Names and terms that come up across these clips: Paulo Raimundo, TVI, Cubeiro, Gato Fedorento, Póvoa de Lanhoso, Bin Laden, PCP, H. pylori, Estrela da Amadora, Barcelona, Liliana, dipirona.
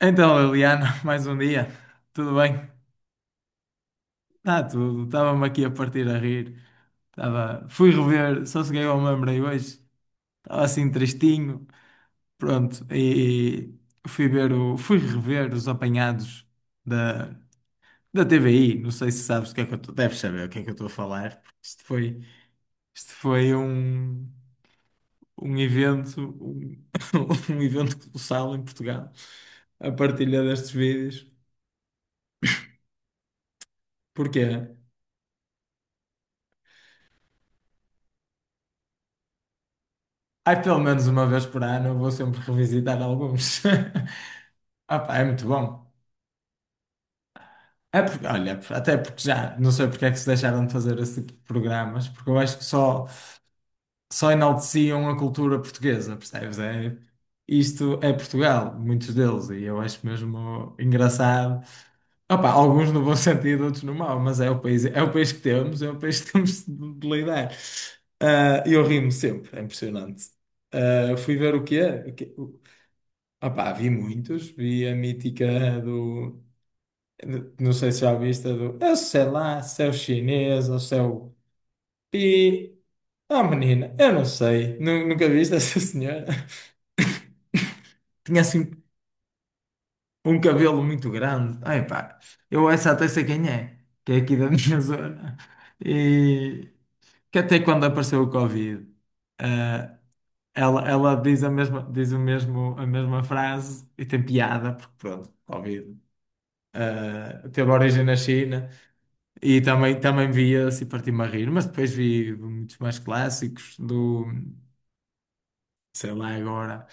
Então, Liliana, mais um dia. Tudo bem? Está tudo. Estava-me aqui a partir a rir. Fui rever, só cheguei ao me lembrei hoje. Estava assim tristinho. Pronto, e fui ver fui rever os apanhados da... da TVI. Não sei se sabes o que é que eu estou. Deves saber o que é que eu estou a falar. Porque isto foi um evento, um evento colossal em Portugal. A partilha destes vídeos. Porquê? Ai, pelo menos uma vez por ano eu vou sempre revisitar alguns. Ah, pá, é muito bom. É porque, olha, até porque já não sei porque é que se deixaram de fazer esse tipo de programas, porque eu acho que só enalteciam a cultura portuguesa, percebes? É, isto é Portugal, muitos deles, e eu acho mesmo engraçado. Opa, alguns no bom sentido, outros no mau, mas é o país que temos, é o país que temos de lidar. E eu rimo sempre, é impressionante. Ah, fui ver o quê? O quê? Ah pá, vi muitos, vi a mítica do, não sei se já viste, a do, eu sei lá, se é o chinês ou se é o pi, ah menina, eu não sei, nunca viste essa senhora? Tinha assim um cabelo muito grande, ai pá, eu essa até sei quem é, que é aqui da minha zona, e que até quando apareceu o Covid, ah, ela diz a mesma, diz o mesmo, a mesma frase e tem piada, porque pronto, Covid. Teve origem na China e também via-se e parti-me a rir, mas depois vi muitos mais clássicos do, sei lá agora.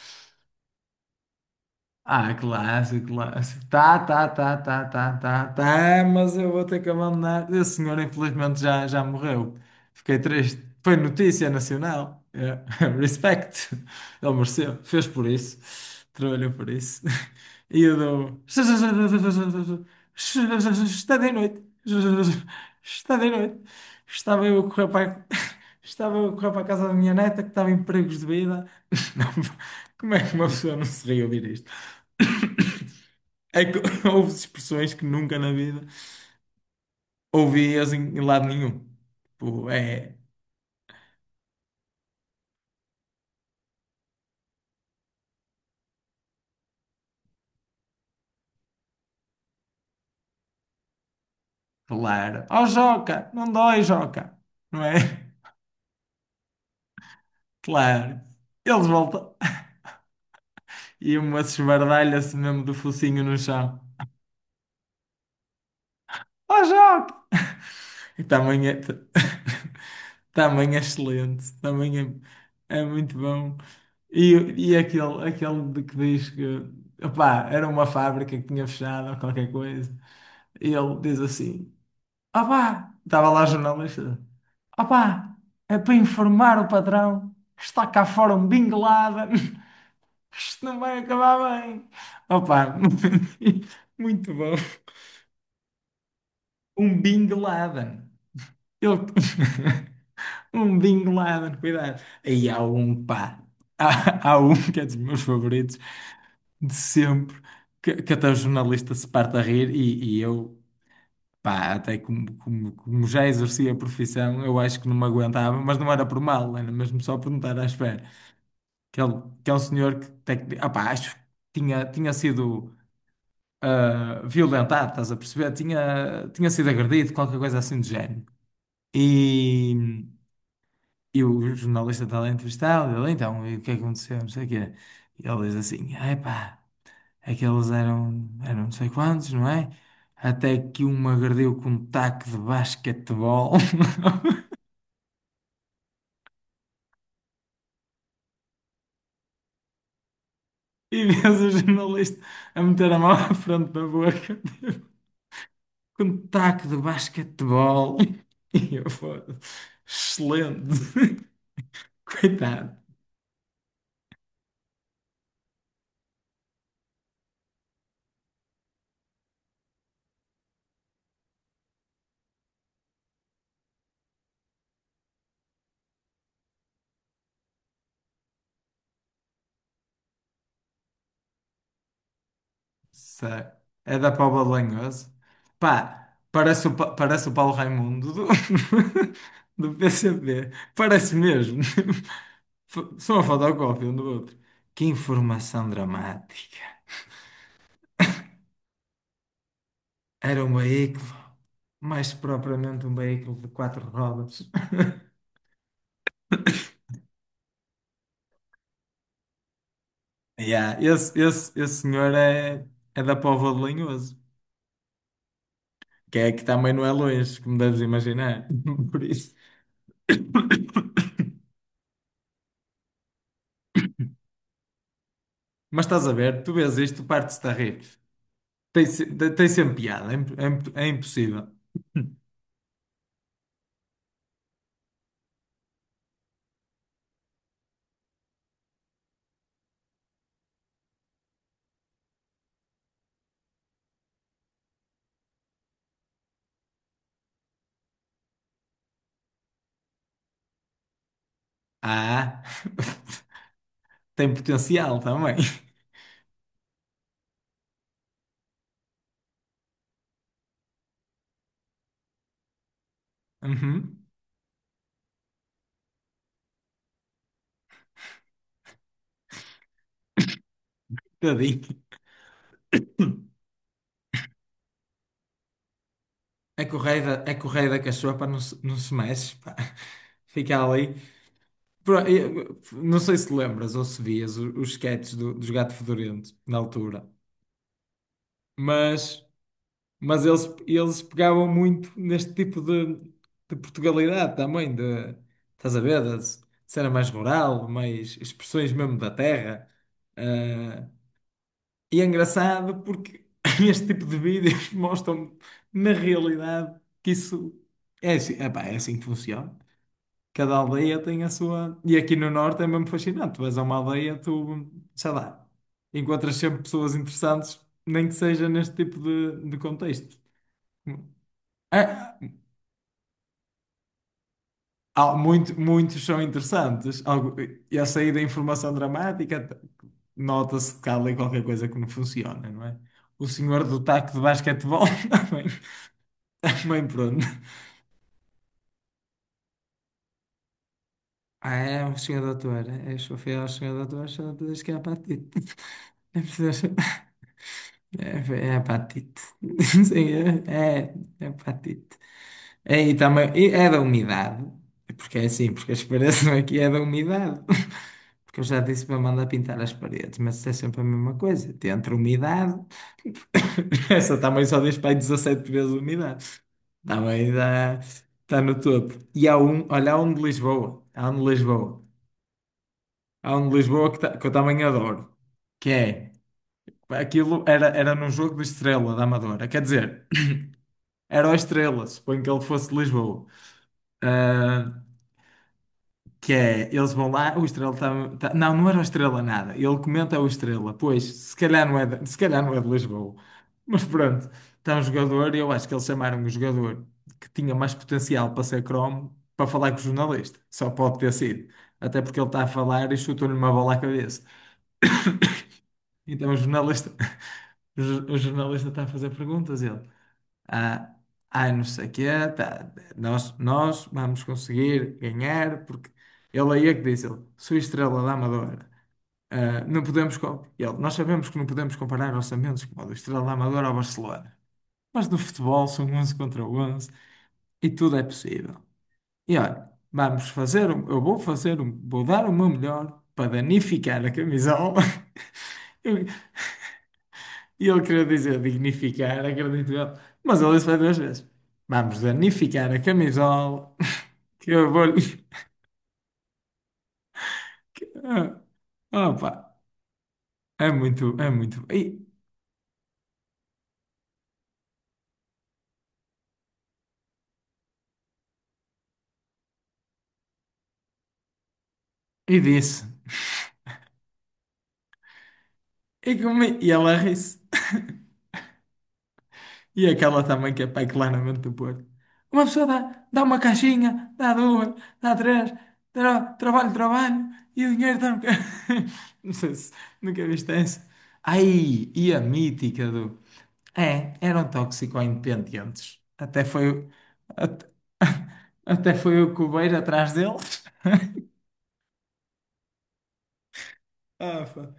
Ah, clássico, clássico. Tá, tá, tá, tá, tá, tá, tá, mas eu vou ter que abandonar. Esse senhor, infelizmente, já morreu. Fiquei triste. Foi notícia nacional. É. Respect. Ele mereceu. Fez por isso. Trabalhou por isso. E eu dou. Está de noite. Está de noite. Estava eu a correr para. A- Estava eu a correr para a casa da minha neta que estava em perigos de vida. Não, como é que uma pessoa não se ri a ouvir isto? É que houve expressões que nunca na vida ouvi assim em lado nenhum. Tipo, é claro. Oh, Joca, não dói, Joca. Não é? Claro. Eles voltam. E uma esbardalha-se mesmo do focinho no chão. Oh, Joca! E também é, também é excelente. Também é, é muito bom. E aquele, aquele de que diz que opá, era uma fábrica que tinha fechado ou qualquer coisa. E ele diz assim. Opá! Estava lá a jornalista. Opá! É para informar o patrão que está cá fora um Bin Laden, que isto não vai acabar bem. Opá! Muito bom. Um Bin Laden. Ele... Um Bin Laden, cuidado. Aí há um, pá. Há um que é dos meus favoritos de sempre, que até o jornalista se parte a rir e eu. Pá, até como, como, como já exercia a profissão, eu acho que não me aguentava, mas não era por mal, era mesmo só por não estar à espera. Que é um senhor que, pá, acho que tinha sido violentado, estás a perceber? Tinha sido agredido, qualquer coisa assim do género. E, e o jornalista está lá entrevistado, ele, então, e o que é que aconteceu? Não sei o quê. E ele diz assim, ai pá. Aqueles eram não sei quantos, não é? Até que um me agrediu com um taco de basquetebol e vês o jornalista a meter a mão à frente da boca tipo, com um taco de basquetebol. E eu falo, excelente, coitado, Sei. É da Póvoa de Lanhoso. Pá, parece o Paulo Raimundo do, do PCP, parece mesmo. Só uma fotocópia um do outro. Que informação dramática. Era um veículo, mais propriamente um veículo de quatro rodas. Yeah, esse senhor é, é da Póvoa de Lanhoso, que é que também não é longe, como deves imaginar. Por isso. Mas estás a ver, tu vês isto, partes-te a rir. Tem, se- tem sempre piada, é, é impossível. Ah, tem potencial também. Uhum, tadinho. É correia da cachorra, não se mexe, pá. Fica ali. Não sei se lembras ou se vias os sketches dos Gato Fedorento na altura, mas Mas eles pegavam muito neste tipo de Portugalidade também, de, estás a ver, de cena mais rural, mais expressões mesmo da terra. Ah, e é engraçado porque este tipo de vídeos mostram na realidade que isso é assim, epá, é assim que funciona. Cada aldeia tem a sua. E aqui no norte é mesmo fascinante. Tu vais a uma aldeia, tu, sei lá, encontras sempre pessoas interessantes, nem que seja neste tipo de contexto. Ah, muitos são interessantes. E a sair da informação dramática, nota-se que há ali qualquer coisa que não funciona, não é? O senhor do taco de basquetebol também, também pronto. Ah, é um senhor doutor. É, só fiel ao senhor doutor, só te diz que é apatite. É preciso- é, é apatite. Sim, é, é é apatite. É, e também, e é da umidade. Porque é assim, porque a expiração aqui é da umidade. Porque eu já disse para mandar pintar as paredes, mas isso é sempre a mesma coisa. Entre umidade. Essa também só diz para aí 17 vezes umidade. Também dá, está no topo. E há um, olha, há um de Lisboa. Há um de Lisboa. Há um de Lisboa que eu também adoro. Que é, aquilo era num jogo do Estrela da Amadora. Quer dizer, era o Estrela, suponho que ele fosse de Lisboa. Ah, que é, eles vão lá, o Estrela tá, tá- não, não era o Estrela nada. Ele comenta o Estrela. Pois, se calhar não é de, se calhar não é de Lisboa. Mas pronto, está um jogador, e eu acho que eles chamaram o jogador que tinha mais potencial para ser cromo para falar com o jornalista. Só pode ter sido. Até porque ele está a falar e chutou-lhe uma bola à cabeça. Então o jornalista, o jornalista está a fazer perguntas, ele ah, ai, não sei o quê, tá, nós vamos conseguir ganhar, porque ele aí é que diz, ele, sou estrela da Amadora. Ah, não podemos, co- ele, nós sabemos que não podemos comparar orçamentos como o do Estrela da Amadora ao Barcelona, mas no futebol são 11 contra 11 e tudo é possível. E olha, eu vou fazer, vou dar o meu melhor para danificar a camisola. E ele queria dizer dignificar, acredito eu. Mas ele disse para duas vezes: vamos danificar a camisola, que eu vou-lhe. Opa, é muito, é muito. E disse: e, comi, e ela ri-se. E aquela também que é pai claramente do Porto. Uma pessoa dá, dá uma caixinha, dá duas, dá três, trabalho, trabalho, e o dinheiro está. Não sei se nunca viste essa. Ai, e a mítica do. É, eram toxico-independentes. Até foi. Até, até foi o Cubeiro atrás deles. Ah, pá.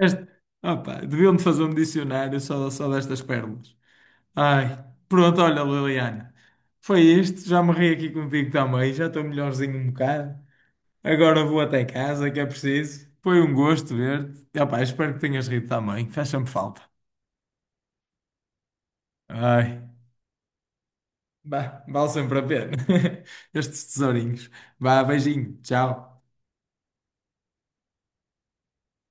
Este- ah, pá, deviam-te fazer um dicionário só, só destas pérolas. Ai, pronto, olha, Liliana. Foi isto, já me ri aqui contigo também, já estou melhorzinho um bocado. Agora vou até casa, que é preciso. Foi um gosto ver-te. E, opá, espero que tenhas rido também, faz sempre falta. Ai, bah, vale sempre a pena. Estes tesourinhos. Vá, beijinho, tchau.